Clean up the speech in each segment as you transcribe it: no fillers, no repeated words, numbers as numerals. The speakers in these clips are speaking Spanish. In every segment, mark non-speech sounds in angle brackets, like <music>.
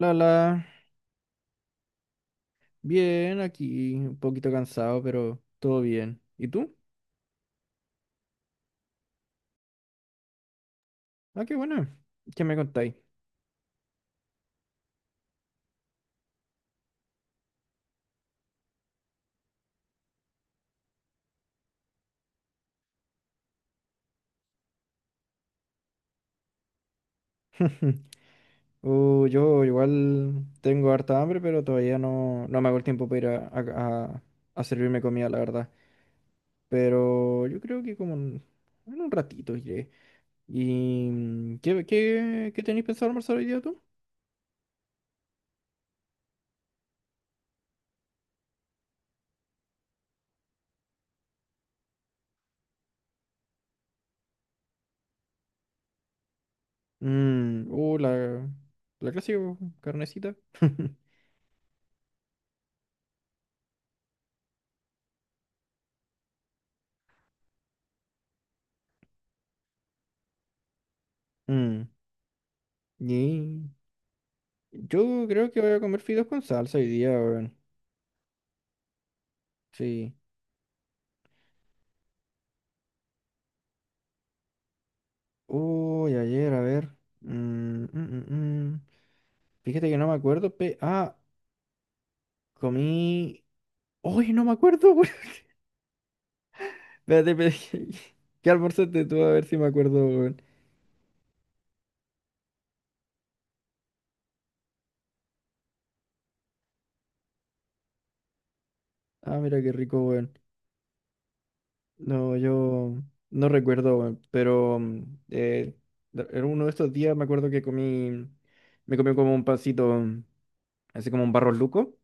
Lala, bien, aquí un poquito cansado, pero todo bien. ¿Y tú? Ah, qué bueno. ¿Qué me contáis? <laughs> Yo igual tengo harta hambre, pero todavía no me hago el tiempo para ir a servirme comida, la verdad. Pero yo creo que como en un ratito iré. ¿Y qué tenéis pensado almorzar hoy día tú? Mm, uh, la, la clásica po, carnecita. <laughs> Mm, yeah. Yo creo que voy a comer fideos con salsa hoy día, weón. Sí. Uy, ayer, a ver. Mm, mm, mm, mm. Fíjate que no me acuerdo. Ah, comí. Uy, no me acuerdo, weón. <laughs> Espérate, pero ¿qué almorzaste tú? A ver si me acuerdo, weón. Ah, mira qué rico, weón. No, yo no recuerdo, weón. Pero en uno de estos días me acuerdo que comí. Me comí como un pancito, así como un barro luco.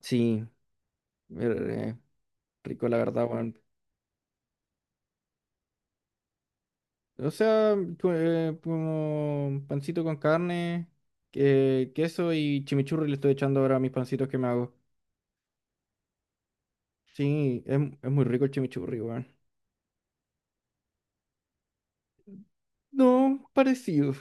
Sí, eh, rico, la verdad, weón. O sea, como pancito con carne, queso y chimichurri le estoy echando ahora a mis pancitos que me hago. Sí, es muy rico el chimichurri, weón. No, parecido.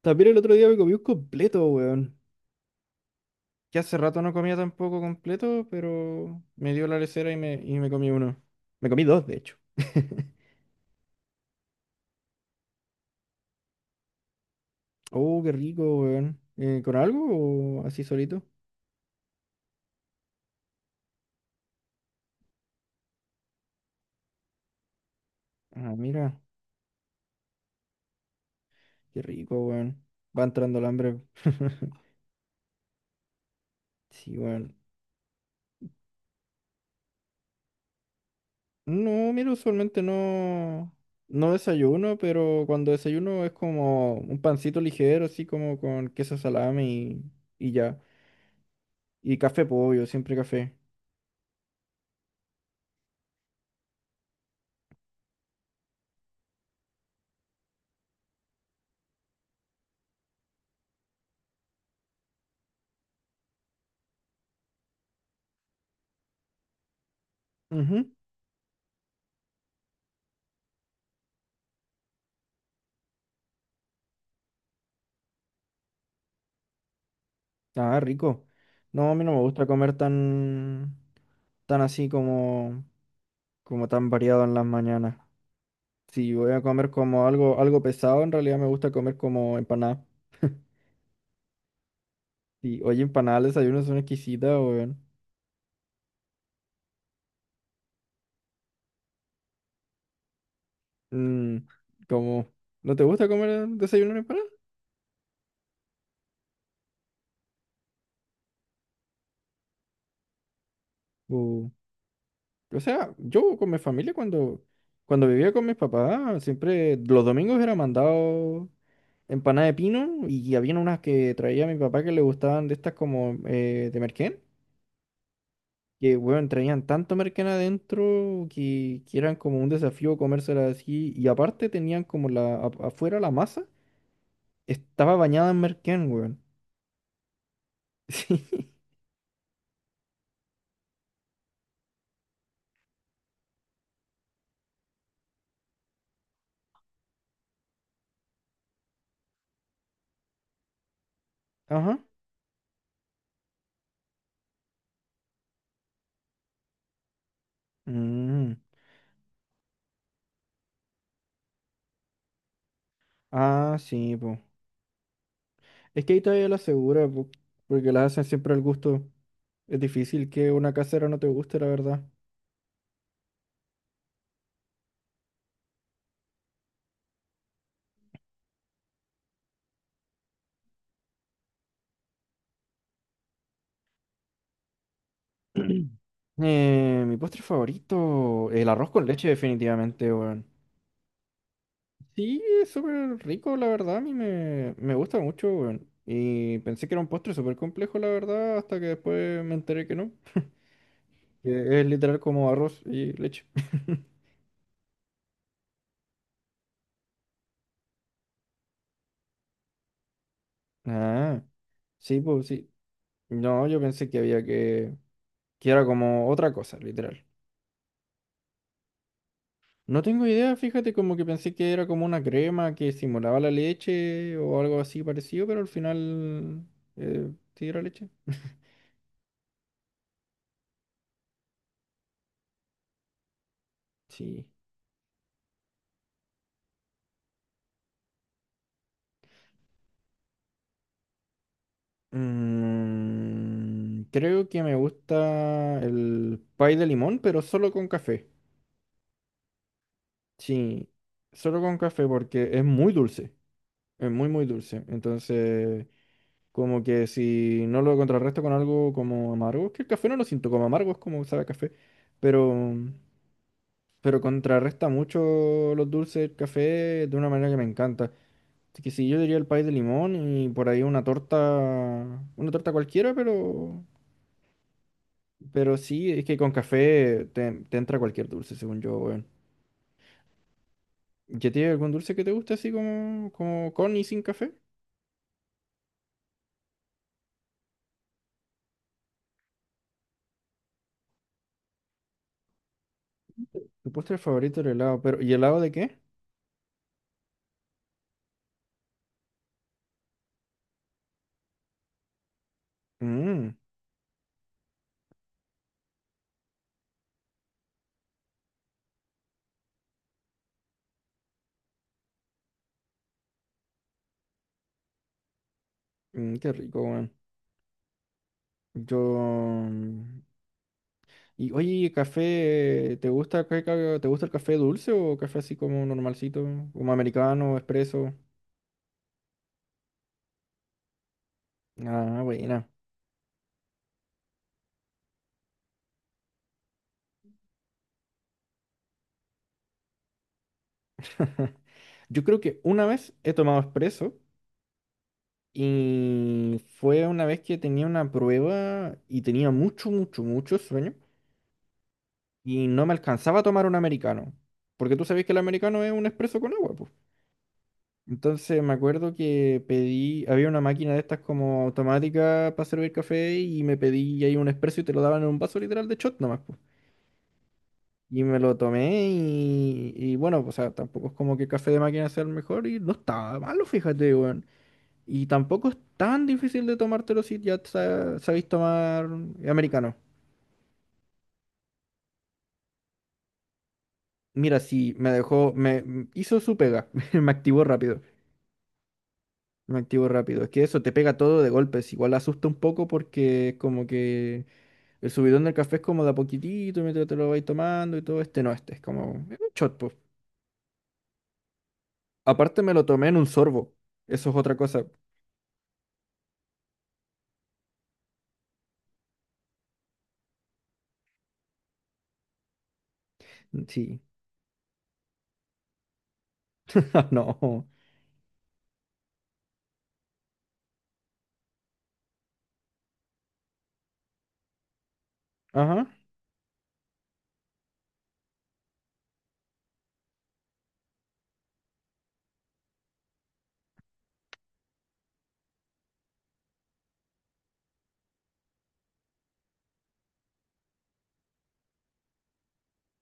También el otro día me comí un completo, weón. Que hace rato no comía tampoco completo, pero me dio la lecera y me comí uno. Me comí dos, de hecho. <laughs> Oh, qué rico, weón. ¿Con algo o así solito? Ah, mira, qué rico, weón. Va entrando el hambre. <laughs> Sí, weón. No, mira, usualmente no, no desayuno, pero cuando desayuno es como un pancito ligero, así como con queso salami y ya. Y café, pollo, siempre café. Ujú. Ah, rico. No, a mí no me gusta comer tan así como tan variado en las mañanas. Si voy a comer como algo, algo pesado, en realidad me gusta comer como empanada. Y <laughs> oye, empanadas, al desayuno son exquisitas, weón. Mm, como, ¿no te gusta comer desayuno en empanada? O, o sea, yo con mi familia cuando vivía con mis papás, siempre los domingos era mandado empanada de pino y había unas que traía mi papá que le gustaban de estas como de merquén, que bueno, traían tanto merquén adentro que eran como un desafío comérselas así y aparte tenían como la afuera la masa estaba bañada en merquén, weón. <laughs> Sí. Ajá. Mm. Ah, sí, pues. Es que ahí todavía la asegura, po, porque la hacen siempre al gusto. Es difícil que una casera no te guste, la verdad. <clears throat> Mi postre favorito, el arroz con leche, definitivamente, weón. Sí, es súper rico, la verdad. A me gusta mucho, weón. Y pensé que era un postre súper complejo, la verdad, hasta que después me enteré que no. Que es literal como arroz y leche. <laughs> Ah, sí, pues sí. No, yo pensé que había que era como otra cosa, literal. No tengo idea, fíjate, como que pensé que era como una crema que simulaba la leche o algo así parecido, pero al final sí era leche. Sí. Mm, creo que me gusta el pie de limón, pero solo con café. Sí, solo con café porque es muy dulce, es muy muy dulce. Entonces, como que si no lo contrarresto con algo como amargo, es que el café no lo siento como amargo, es como sabe a café, pero... pero contrarresta mucho los dulces del café de una manera que me encanta. Así que sí, yo diría el país de limón y por ahí una torta cualquiera, pero sí, es que con café te entra cualquier dulce, según yo, weón. ¿Ya tiene algún dulce que te guste así como, como con y sin café? Tu postre favorito el helado, pero ¿y helado de qué? Mmm, qué rico, weón. Yo, Y oye, café, ¿te gusta, te gusta el café dulce o café así como normalcito, como americano, expreso? Ah, buena. <laughs> Yo creo que una vez he tomado expreso y fue una vez que tenía una prueba y tenía mucho, mucho, mucho sueño y no me alcanzaba a tomar un americano, porque tú sabes que el americano es un expreso con agua, pues. Entonces me acuerdo que pedí, había una máquina de estas como automática para servir café y me pedí ahí un espresso y te lo daban en un vaso literal de shot nomás, pues. Me lo tomé y bueno, pues, o sea, tampoco es como que café de máquina sea el mejor y no estaba malo, fíjate, weón. Y tampoco es tan difícil de tomártelo si ya sabéis tomar americano. Mira, sí, me hizo su pega, <laughs> me activó rápido. Me activo rápido. Es que eso te pega todo de golpes. Igual asusta un poco porque es como que el subidón del café es como de a poquitito mientras te lo vais tomando y todo. Este no, este es como es un shot, pues. Aparte me lo tomé en un sorbo. Eso es otra cosa. Sí. <laughs> No. Ajá.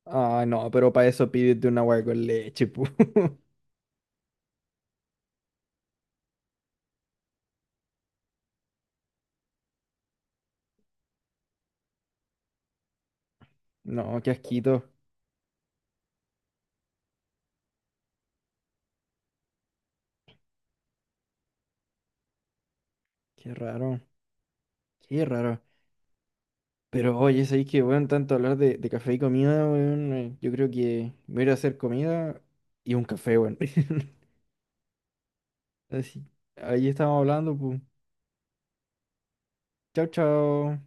Ah, no, pero para eso pídete un agua con leche, pu. <laughs> No, qué asquito. Qué raro. Qué raro. Pero oye, sabéis que, bueno tanto hablar de café y comida, weón. Yo creo que me voy a ir a hacer comida y un café, weón. <laughs> Así, ahí estamos hablando, pues. Chao, chao.